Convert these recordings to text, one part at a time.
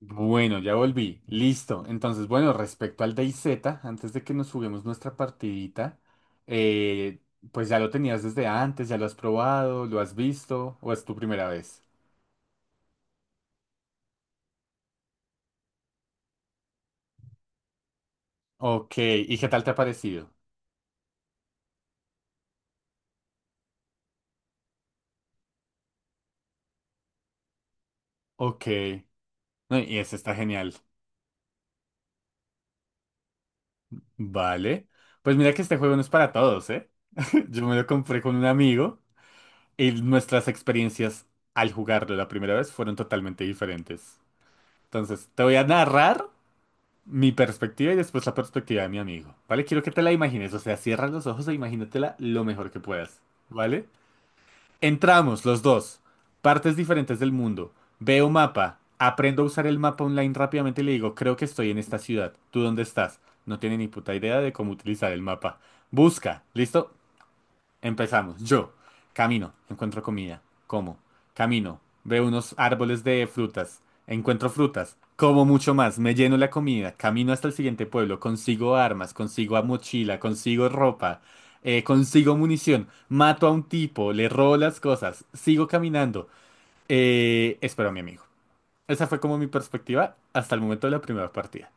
Bueno, ya volví. Listo. Entonces, bueno, respecto al DayZ, antes de que nos juguemos nuestra partidita, eh, pues ya lo tenías desde antes, ya lo has probado, lo has visto, ¿o es tu primera vez? Ok, ¿y qué tal te ha parecido? Ok. No, y ese está genial. Vale. Pues mira que este juego no es para todos, ¿eh? Yo me lo compré con un amigo y nuestras experiencias al jugarlo la primera vez fueron totalmente diferentes. Entonces, te voy a narrar mi perspectiva y después la perspectiva de mi amigo, ¿vale? Quiero que te la imagines, o sea, cierra los ojos e imagínatela lo mejor que puedas, ¿vale? Entramos los dos, partes diferentes del mundo, veo mapa, aprendo a usar el mapa online rápidamente y le digo, creo que estoy en esta ciudad, ¿tú dónde estás? No tiene ni puta idea de cómo utilizar el mapa. Busca, ¿listo? Empezamos. Yo camino, encuentro comida, como. Camino, veo unos árboles de frutas, encuentro frutas, como mucho más, me lleno la comida, camino hasta el siguiente pueblo, consigo armas, consigo a mochila, consigo ropa, consigo munición, mato a un tipo, le robo las cosas, sigo caminando, espero a mi amigo. Esa fue como mi perspectiva hasta el momento de la primera partida.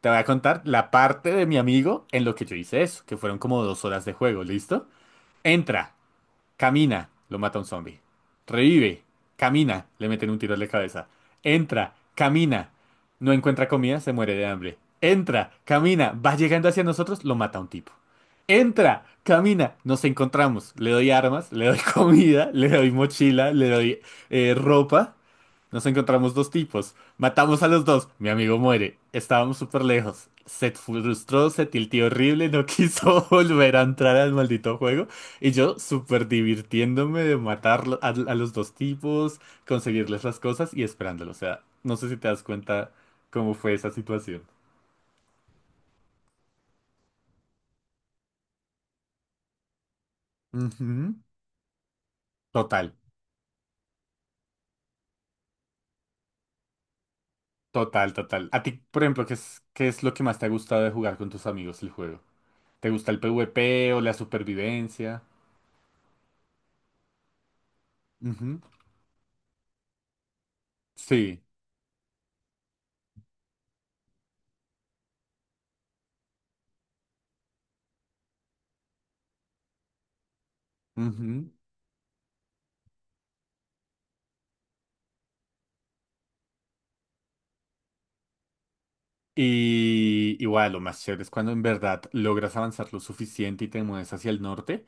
Te voy a contar la parte de mi amigo en lo que yo hice eso, que fueron como 2 horas de juego, ¿listo? Entra. Camina, lo mata un zombie. Revive, camina, le meten un tiro en la cabeza. Entra, camina, no encuentra comida, se muere de hambre. Entra, camina, va llegando hacia nosotros, lo mata un tipo. Entra, camina, nos encontramos. Le doy armas, le doy comida, le doy mochila, le doy ropa. Nos encontramos dos tipos. Matamos a los dos. Mi amigo muere. Estábamos súper lejos. Se frustró, se tiltió horrible, no quiso volver a entrar al maldito juego. Y yo súper divirtiéndome de matar a los dos tipos, conseguirles las cosas y esperándolo. O sea, no sé si te das cuenta cómo fue esa situación. Ujú. Total, total, total. A ti, por ejemplo, qué es lo que más te ha gustado de jugar con tus amigos el juego? ¿Te gusta el PvP o la supervivencia? Ujú. Sí. Y igual, lo más chévere es cuando en verdad logras avanzar lo suficiente y te mueves hacia el norte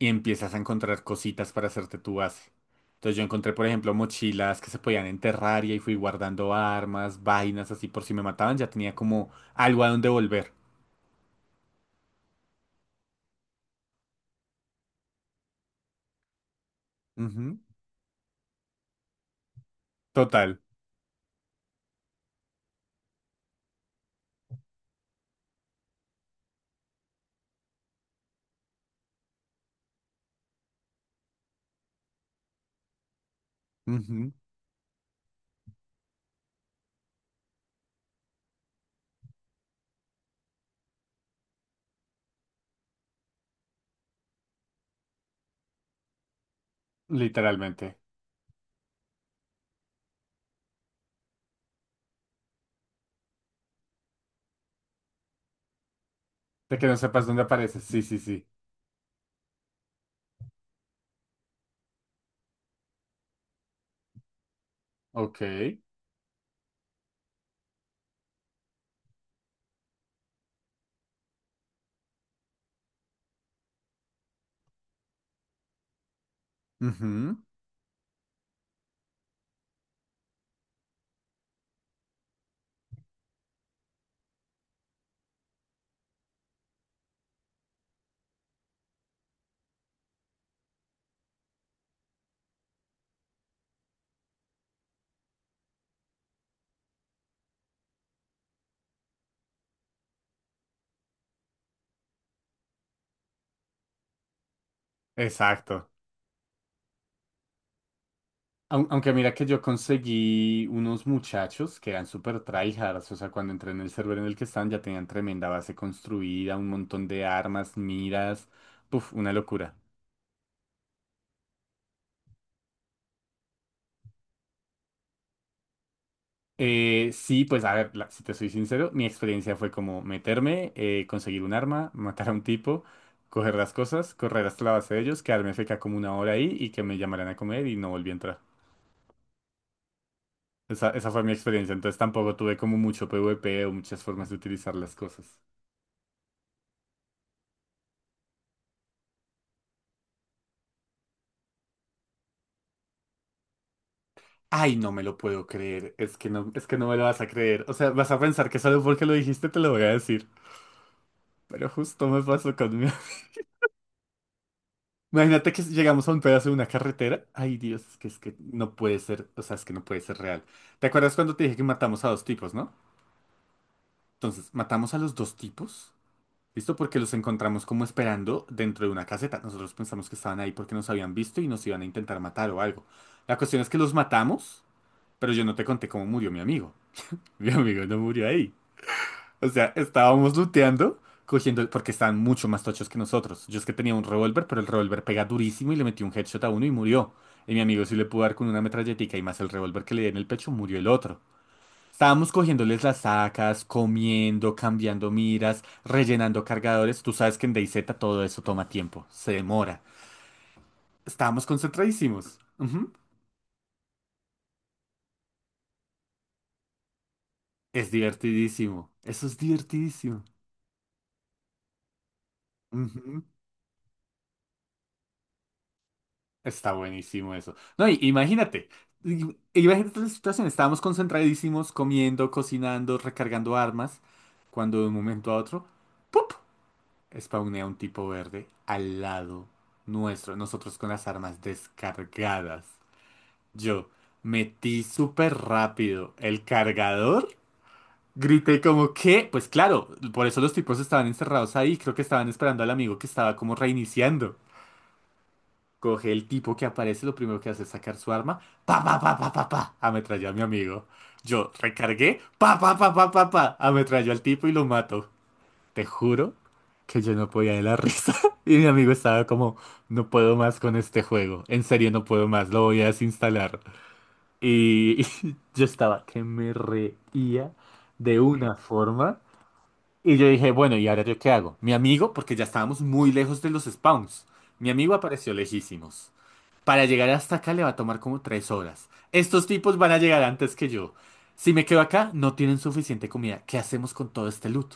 y empiezas a encontrar cositas para hacerte tu base. Entonces yo encontré, por ejemplo, mochilas que se podían enterrar y ahí fui guardando armas, vainas así por si me mataban, ya tenía como algo a donde volver. Ujú. Total. Ujú. Literalmente. De que no sepas dónde apareces. Sí, sí, sí. Ok. Ujú. Exacto. Aunque mira que yo conseguí unos muchachos que eran súper tryhards, o sea, cuando entré en el server en el que estaban ya tenían tremenda base construida, un montón de armas, miras, puf, una locura. Sí, pues a ver, si te soy sincero, mi experiencia fue como meterme, conseguir un arma, matar a un tipo, coger las cosas, correr hasta la base de ellos, quedarme feca como una hora ahí y que me llamaran a comer y no volví a entrar. Esa fue mi experiencia, entonces tampoco tuve como mucho PvP o muchas formas de utilizar las cosas. Ay, no me lo puedo creer. Es que no me lo vas a creer. O sea, vas a pensar que solo porque lo dijiste te lo voy a decir. Pero justo me pasó conmigo. Imagínate que llegamos a un pedazo de una carretera. Ay, Dios, es que no puede ser. O sea, es que no puede ser real. ¿Te acuerdas cuando te dije que matamos a dos tipos, no? Entonces, matamos a los dos tipos. ¿Listo? Porque los encontramos como esperando dentro de una caseta. Nosotros pensamos que estaban ahí porque nos habían visto y nos iban a intentar matar o algo. La cuestión es que los matamos, pero yo no te conté cómo murió mi amigo. Mi amigo no murió ahí. O sea, estábamos looteando, cogiendo, porque estaban mucho más tochos que nosotros. Yo es que tenía un revólver, pero el revólver pega durísimo y le metí un headshot a uno y murió. Y mi amigo sí le pudo dar con una metralletica y más el revólver que le di en el pecho, murió el otro. Estábamos cogiéndoles las sacas, comiendo, cambiando miras, rellenando cargadores. Tú sabes que en DayZ todo eso toma tiempo, se demora. Estábamos concentradísimos. Ujú. Es divertidísimo. Eso es divertidísimo. Ujú. Está buenísimo eso. No, imagínate, imagínate la situación, estábamos concentradísimos comiendo, cocinando, recargando armas, cuando de un momento a otro, ¡pup! Spawnea un tipo verde al lado nuestro, nosotros con las armas descargadas. Yo metí súper rápido el cargador, grité como, ¿qué? Pues claro, por eso los tipos estaban encerrados ahí, creo que estaban esperando al amigo que estaba como reiniciando. Coge el tipo que aparece, lo primero que hace es sacar su arma, pa pa pa pa pa pa, ametralló a mi amigo. Yo recargué, pa pa pa pa pa pa, ametralló al tipo y lo mato. Te juro que yo no podía de la risa. Y mi amigo estaba como, no puedo más con este juego, en serio no puedo más, lo voy a desinstalar. Y yo estaba que me reía de una forma. Y yo dije, bueno, ¿y ahora yo qué hago? Mi amigo, porque ya estábamos muy lejos de los spawns, mi amigo apareció lejísimos. Para llegar hasta acá le va a tomar como 3 horas. Estos tipos van a llegar antes que yo. Si me quedo acá, no tienen suficiente comida. ¿Qué hacemos con todo este loot?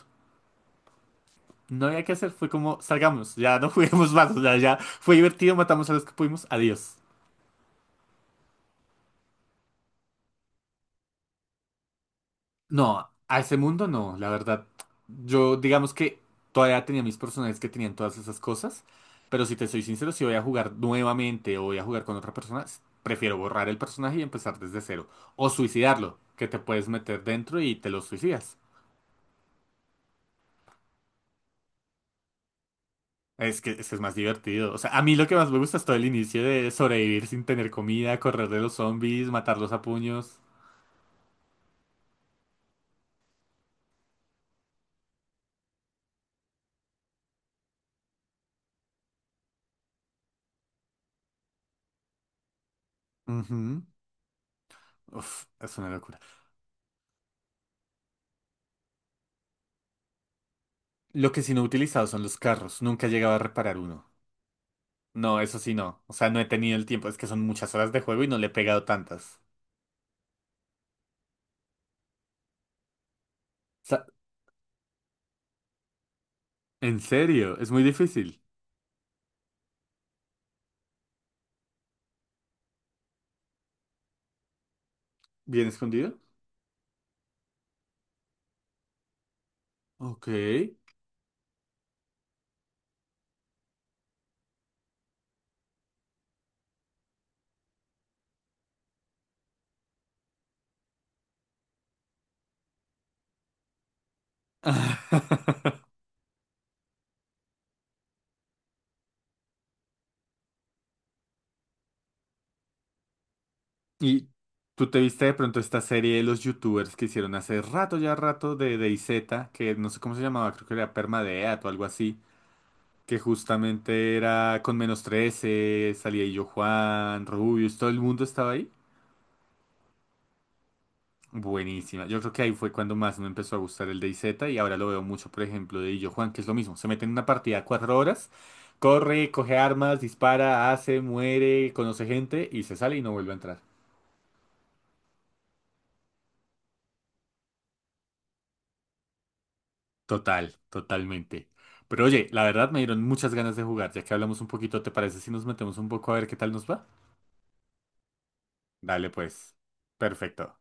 No había que hacer, fue como, salgamos, ya no juguemos más, o sea, ya fue divertido, matamos a los que pudimos, adiós. No, a ese mundo no, la verdad. Yo, digamos que todavía tenía mis personajes que tenían todas esas cosas, pero si te soy sincero, si voy a jugar nuevamente o voy a jugar con otra persona, prefiero borrar el personaje y empezar desde cero. O suicidarlo, que te puedes meter dentro y te lo suicidas. Es que es más divertido. O sea, a mí lo que más me gusta es todo el inicio de sobrevivir sin tener comida, correr de los zombies, matarlos a puños. Ujú. Uf, es una locura. Lo que sí no he utilizado son los carros. Nunca he llegado a reparar uno. No, eso sí no. O sea, no he tenido el tiempo. Es que son muchas horas de juego y no le he pegado tantas. O sea, en serio, es muy difícil. ¿Bien escondido? Ok. Y tú te viste de pronto esta serie de los youtubers que hicieron hace rato, ya rato, de DayZ, que no sé cómo se llamaba, creo que era Permadeath o algo así, que justamente era con -13, salía yo, Juan, Rubius, todo el mundo estaba ahí. Buenísima. Yo creo que ahí fue cuando más me empezó a gustar el DayZ y ahora lo veo mucho, por ejemplo, de Illo Juan, que es lo mismo. Se mete en una partida 4 horas, corre, coge armas, dispara, hace, muere, conoce gente y se sale y no vuelve a entrar. Total, totalmente. Pero oye, la verdad me dieron muchas ganas de jugar, ya que hablamos un poquito, ¿te parece si nos metemos un poco a ver qué tal nos va? Dale pues. Perfecto.